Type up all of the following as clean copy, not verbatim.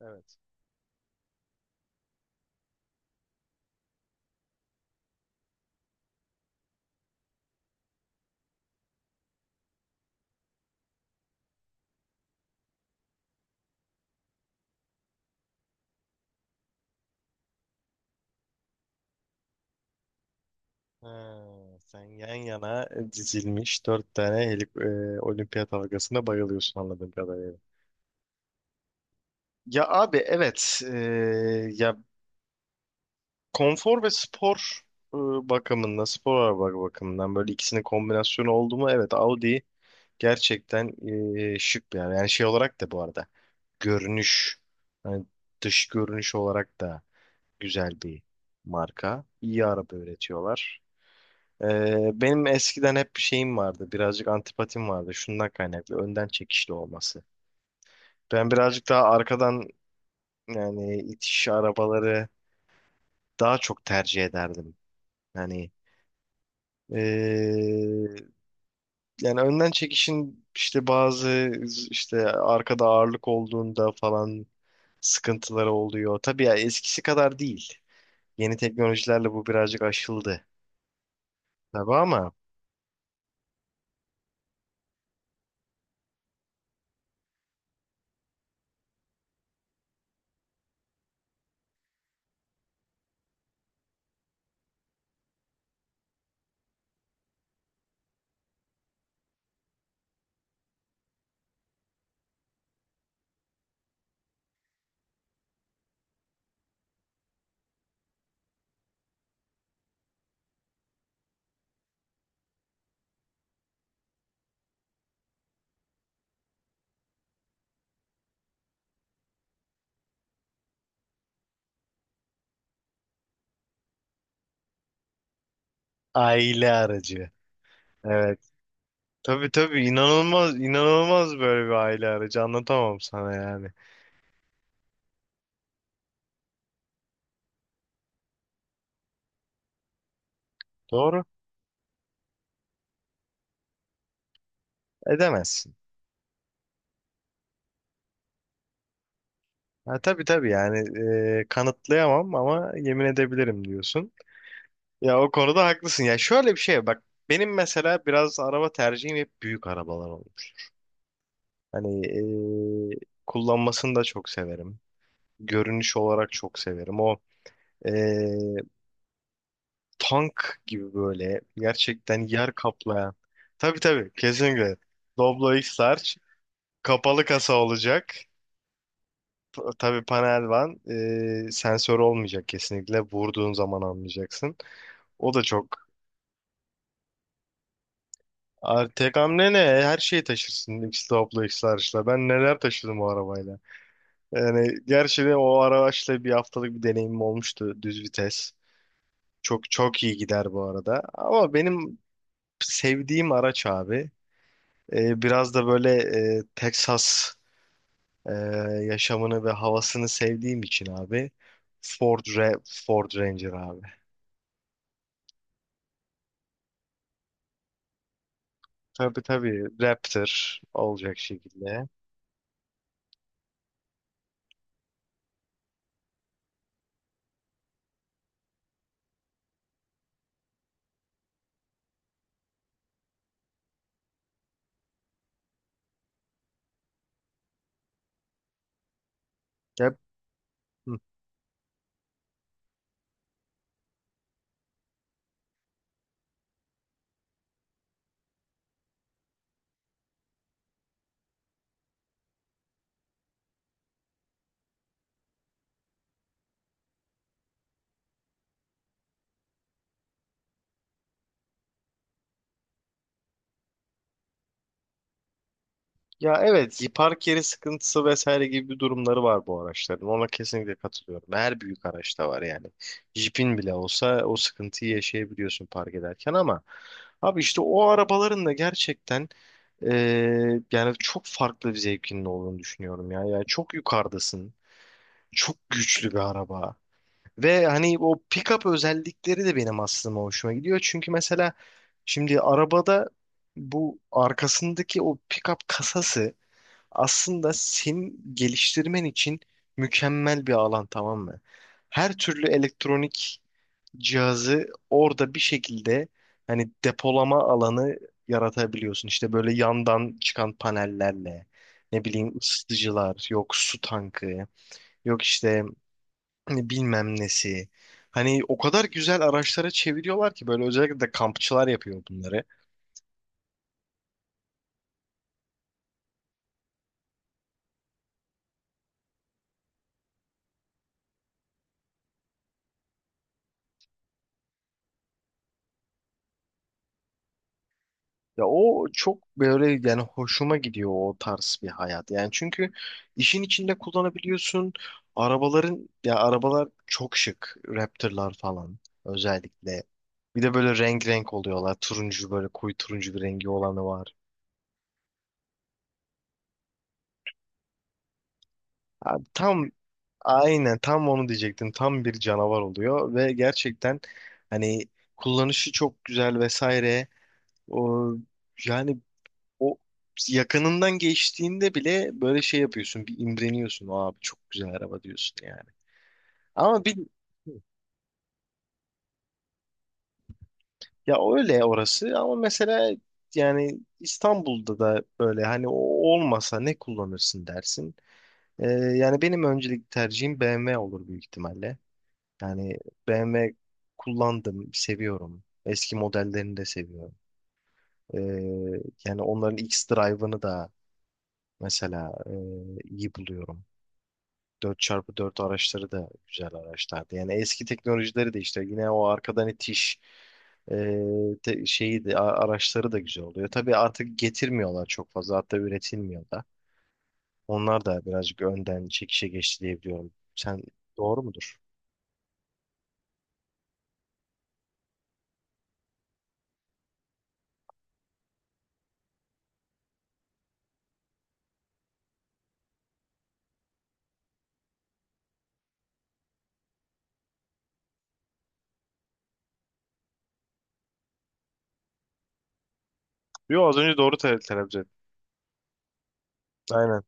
Evet. Ha, sen yan yana dizilmiş 4 tane olimpiyat halkasına bayılıyorsun anladığım kadarıyla. Ya abi evet ya konfor ve spor e, bakımında spor araba bakımından böyle ikisinin kombinasyonu oldu mu evet Audi gerçekten şık bir araba. Yani şey olarak da bu arada görünüş hani dış görünüş olarak da güzel bir marka. İyi araba üretiyorlar. Benim eskiden hep bir şeyim vardı. Birazcık antipatim vardı. Şundan kaynaklı. Önden çekişli olması. Ben birazcık daha arkadan yani itiş arabaları daha çok tercih ederdim. Yani ee, yani önden çekişin işte bazı işte arkada ağırlık olduğunda falan sıkıntıları oluyor. Tabii ya eskisi kadar değil. Yeni teknolojilerle bu birazcık aşıldı. Tabii ama aile aracı. Evet. Tabii tabii inanılmaz inanılmaz böyle bir aile aracı anlatamam sana yani. Doğru, edemezsin. Ha, tabii tabii yani kanıtlayamam ama yemin edebilirim diyorsun. Ya o konuda haklısın. Ya şöyle bir şey bak, benim mesela biraz araba tercihim hep büyük arabalar olmuş. Hani e, kullanmasını da çok severim. Görünüş olarak çok severim. O e, tank gibi böyle gerçekten yer kaplayan. Tabii tabii kesinlikle. Doblo x. Kapalı kasa olacak. Tabii panel van. Sensör olmayacak kesinlikle. Vurduğun zaman anlayacaksın. O da çok. Tek hamle ne? Her şeyi taşırsın. X topla, X large'la. Ben neler taşıdım o arabayla. Yani gerçi de o araçla bir haftalık bir deneyimim olmuştu. Düz vites. Çok çok iyi gider bu arada. Ama benim sevdiğim araç abi. Biraz da böyle Texas Ee, yaşamını ve havasını sevdiğim için abi Ford Ra- Ford Ranger abi. Tabii tabii Raptor olacak şekilde. Ya, hı. Ya evet, park yeri sıkıntısı vesaire gibi bir durumları var bu araçların. Ona kesinlikle katılıyorum. Her büyük araçta var yani. Jeep'in bile olsa o sıkıntıyı yaşayabiliyorsun park ederken ama abi işte o arabaların da gerçekten ee, yani çok farklı bir zevkinin olduğunu düşünüyorum ya. Yani çok yukarıdasın. Çok güçlü bir araba. Ve hani o pick-up özellikleri de benim aslında hoşuma gidiyor. Çünkü mesela şimdi arabada bu arkasındaki o pick-up kasası aslında senin geliştirmen için mükemmel bir alan, tamam mı? Her türlü elektronik cihazı orada bir şekilde hani depolama alanı yaratabiliyorsun. İşte böyle yandan çıkan panellerle ne bileyim ısıtıcılar, yok su tankı, yok işte hani bilmem nesi. Hani o kadar güzel araçlara çeviriyorlar ki böyle, özellikle de kampçılar yapıyor bunları. Ya o çok böyle, yani hoşuma gidiyor o tarz bir hayat. Yani çünkü işin içinde kullanabiliyorsun. Arabaların, ya arabalar çok şık. Raptor'lar falan özellikle. Bir de böyle renk renk oluyorlar. Turuncu, böyle koyu turuncu bir rengi olanı var. Abi tam. Aynen tam onu diyecektim. Tam bir canavar oluyor ve gerçekten hani kullanışı çok güzel vesaire. O yani o yakınından geçtiğinde bile böyle şey yapıyorsun. Bir imreniyorsun. Abi çok güzel araba diyorsun yani. Ama bir Ya öyle orası, ama mesela yani İstanbul'da da böyle hani o olmasa ne kullanırsın dersin. Ee, yani benim öncelik tercihim BMW olur büyük ihtimalle. Yani BMW kullandım, seviyorum. Eski modellerini de seviyorum. Ee, yani onların X-Drive'ını da mesela iyi buluyorum. 4x4 araçları da güzel araçlardı. Yani eski teknolojileri de işte, yine o arkadan itiş e, şeyi de araçları da güzel oluyor. Tabii artık getirmiyorlar çok fazla, hatta üretilmiyor da. Onlar da birazcık önden çekişe geçti diye biliyorum. Sen, doğru mudur? Yo, az önce doğru telaffuz ettim. Aynen.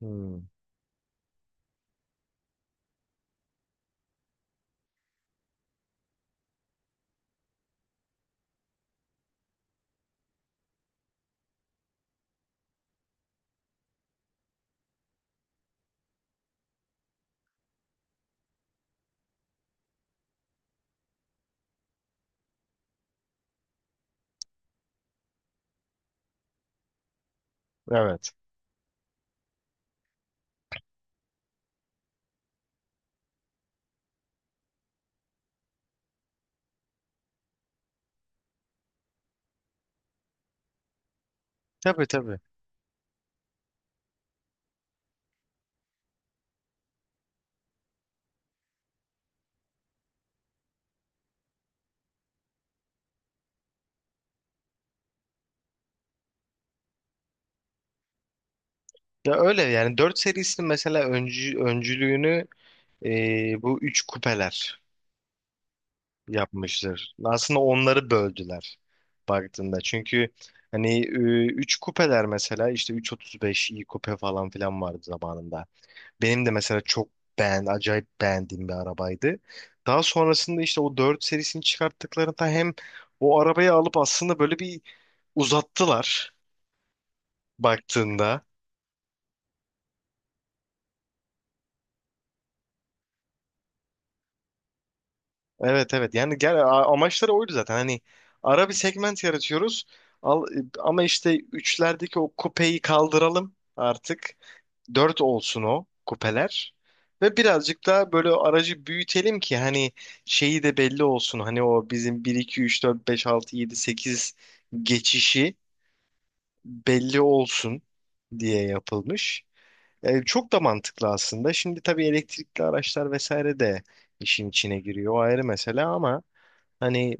Hmm. Evet. Tabii tabii. Ya öyle yani, 4 serisinin mesela öncülüğünü bu 3 kupeler yapmıştır. Aslında onları böldüler baktığında. Çünkü hani 3 kupeler mesela işte 3.35 iyi kupe falan filan vardı zamanında. Benim de mesela çok acayip beğendiğim bir arabaydı. Daha sonrasında, işte o 4 serisini çıkarttıklarında, hem o arabayı alıp aslında böyle bir uzattılar baktığında. Evet evet, yani amaçları oydu zaten, hani ara bir segment yaratıyoruz, ama işte üçlerdeki o kupeyi kaldıralım artık, dört olsun o kupeler ve birazcık daha böyle aracı büyütelim ki hani şeyi de belli olsun, hani o bizim bir 2 3 4 5 6 7 8 geçişi belli olsun diye yapılmış. Çok da mantıklı aslında. Şimdi tabii elektrikli araçlar vesaire de işin içine giriyor. O ayrı mesele ama hani,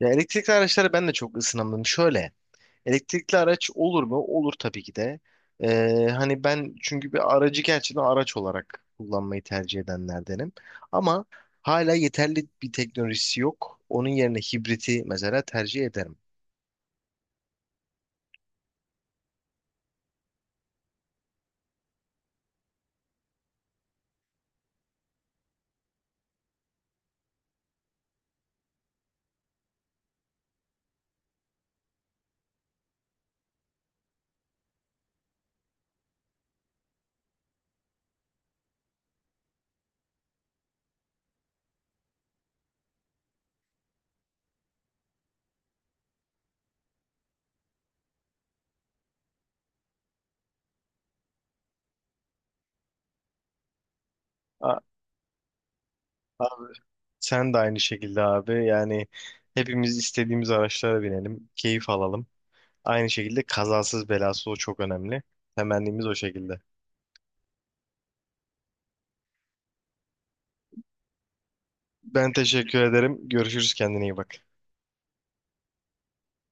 ya elektrikli araçlara ben de çok ısınamadım. Şöyle, elektrikli araç olur mu? Olur tabii ki de. Hani ben çünkü bir aracı gerçekten araç olarak kullanmayı tercih edenlerdenim. Ama hala yeterli bir teknolojisi yok. Onun yerine hibriti mesela tercih ederim. A- Abi, sen de aynı şekilde abi. Yani hepimiz istediğimiz araçlara binelim, keyif alalım. Aynı şekilde kazasız belasız, o çok önemli. Temennimiz o şekilde. Ben teşekkür ederim. Görüşürüz, kendine iyi bak.